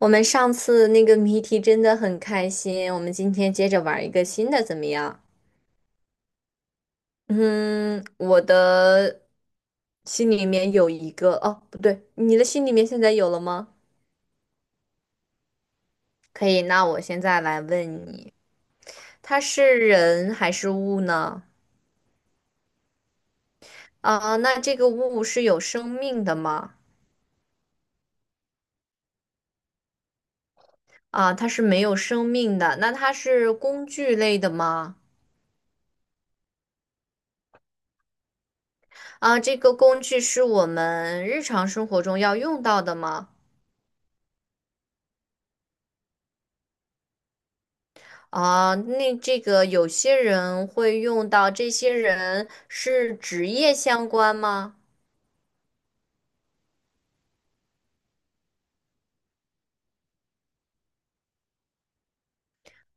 我们上次那个谜题真的很开心，我们今天接着玩一个新的怎么样？嗯，我的心里面有一个，哦，不对，你的心里面现在有了吗？可以，那我现在来问你，它是人还是物呢？啊，那这个物是有生命的吗？啊，它是没有生命的，那它是工具类的吗？啊，这个工具是我们日常生活中要用到的吗？啊，那这个有些人会用到，这些人是职业相关吗？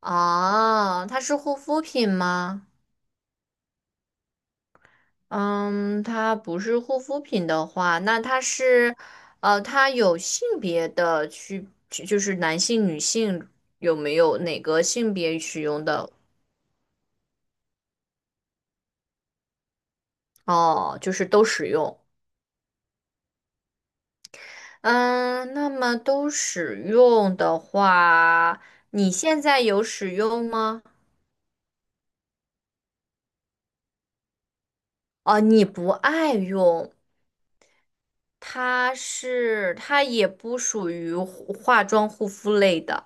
啊，它是护肤品吗？嗯，它不是护肤品的话，那它是，它有性别的区，就是男性、女性有没有哪个性别使用的？哦，就是都使用。嗯，那么都使用的话，你现在有使用吗？哦，你不爱用，它是它也不属于护化妆护肤类的，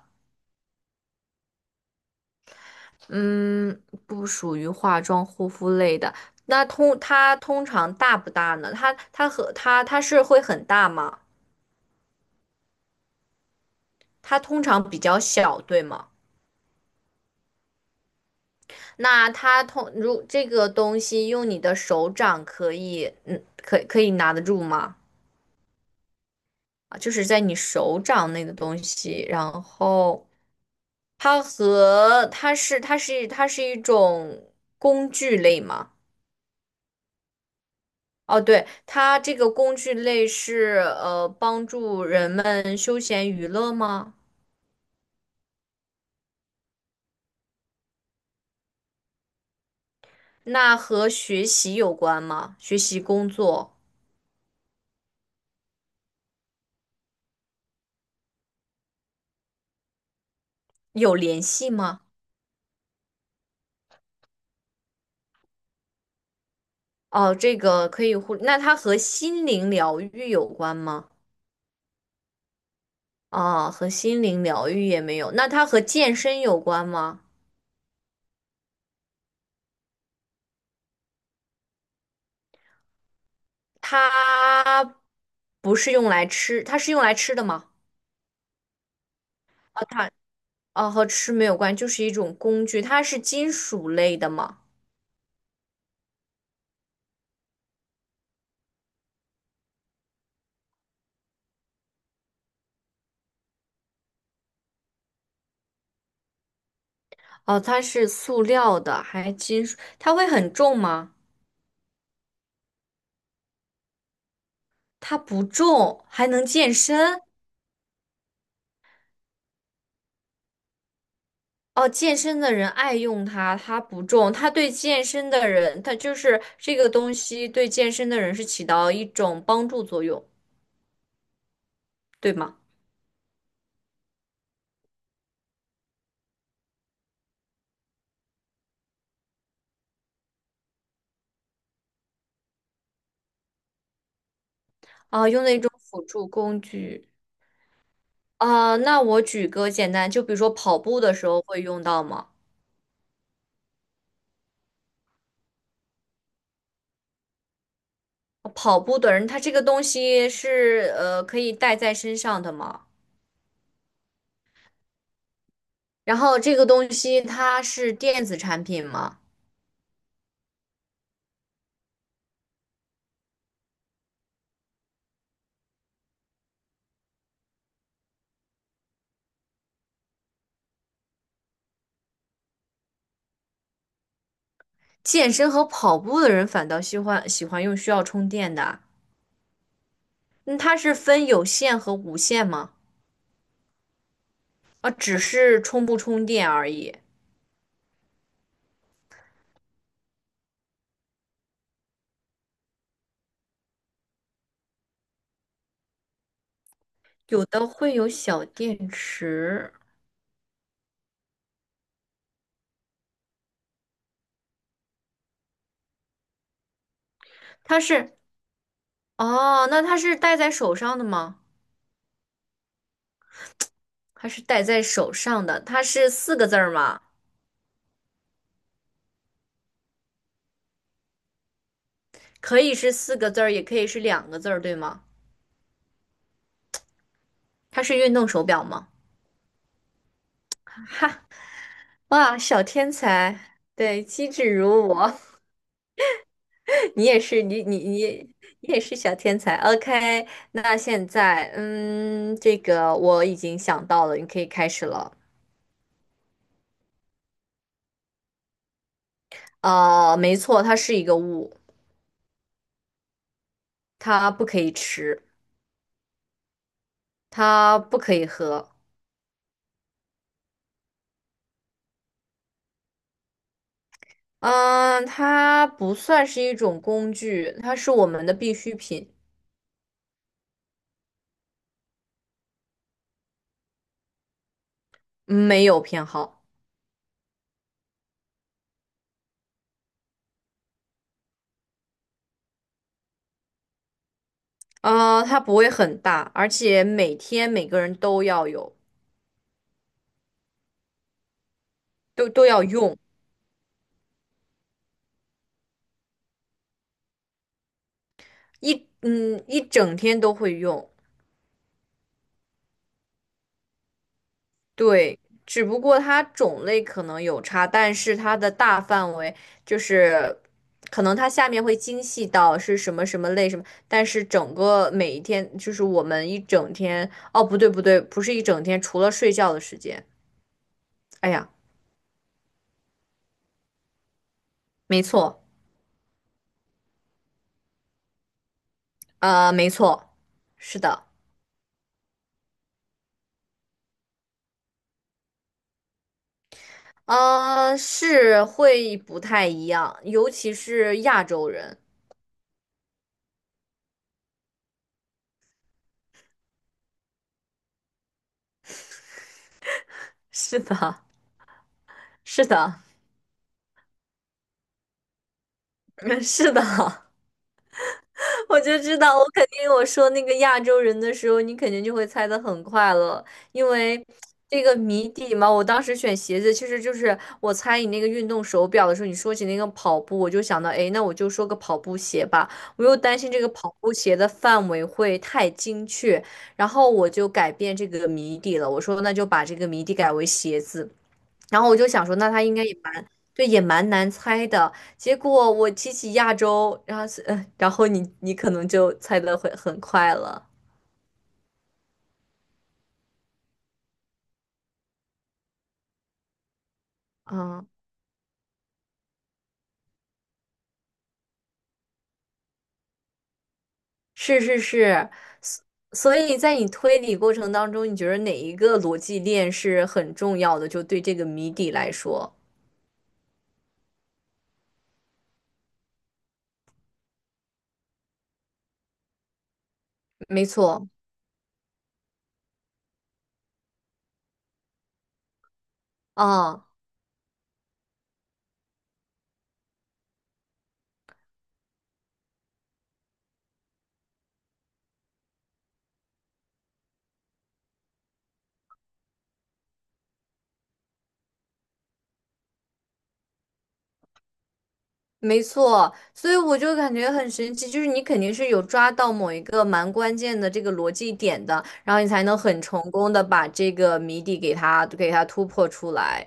嗯，不属于化妆护肤类的。那通它通常大不大呢？它它和它它是会很大吗？它通常比较小，对吗？那它通如这个东西用你的手掌可以，嗯，可以拿得住吗？啊，就是在你手掌内的东西，然后。它和它是它是它是一种工具类吗？哦，对，它这个工具类是帮助人们休闲娱乐吗？那和学习有关吗？学习工作有联系吗？哦，这个可以互，那它和心灵疗愈有关吗？啊、和心灵疗愈也没有。那它和健身有关吗？它不是用来吃，它是用来吃的吗？啊，它。哦，和吃没有关，就是一种工具，它是金属类的吗？哦，它是塑料的，还金属，它会很重吗？它不重，还能健身。哦，健身的人爱用它，它不重，它对健身的人，它就是这个东西对健身的人是起到一种帮助作用，对吗？啊，用的一种辅助工具。啊，那我举个简单，就比如说跑步的时候会用到吗？跑步的人，他这个东西是可以带在身上的吗？然后这个东西它是电子产品吗？健身和跑步的人反倒喜欢用需要充电的，那它是分有线和无线吗？啊，只是充不充电而已，有的会有小电池，它是哦，那它是戴在手上的吗？它是戴在手上的，它是四个字儿吗？可以是四个字儿，也可以是两个字儿，对吗？它是运动手表吗？哇，小天才，对，机智如我，你也是，你也是小天才。OK，那现在，嗯，这个我已经想到了，你可以开始了。呃，没错，它是一个物，它不可以吃，它不可以喝。嗯，它不算是一种工具，它是我们的必需品，没有偏好。呃，它不会很大，而且每天每个人都要有。都要用，一整天都会用。对，只不过它种类可能有差，但是它的大范围就是，可能它下面会精细到是什么什么类什么，但是整个每一天就是我们一整天，不是一整天，除了睡觉的时间。哎呀，没错，呃，没错，是的，是会不太一样，尤其是亚洲人。是的，是的。嗯，是的，我就知道，我肯定我说那个亚洲人的时候，你肯定就会猜得很快了，因为这个谜底嘛。我当时选鞋子，其实就是我猜你那个运动手表的时候，你说起那个跑步，我就想到，哎，那我就说个跑步鞋吧。我又担心这个跑步鞋的范围会太精确，然后我就改变这个谜底了。我说那就把这个谜底改为鞋子。然后我就想说，那他应该也蛮，对，也蛮难猜的。结果我提起亚洲，然后是，然后你可能就猜的会很快了。嗯，是是是，所所以在你推理过程当中，你觉得哪一个逻辑链是很重要的？就对这个谜底来说，没错。嗯，没错，所以我就感觉很神奇，就是你肯定是有抓到某一个蛮关键的这个逻辑点的，然后你才能很成功的把这个谜底给它突破出来。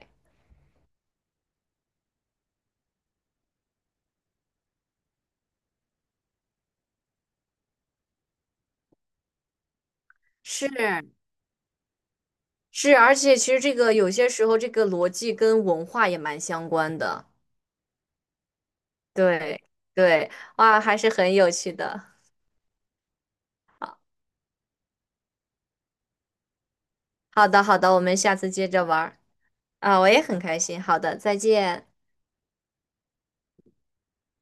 是是，而且其实这个有些时候这个逻辑跟文化也蛮相关的。对对，哇，还是很有趣的。好的好的，我们下次接着玩儿啊，我也很开心。好的，再见。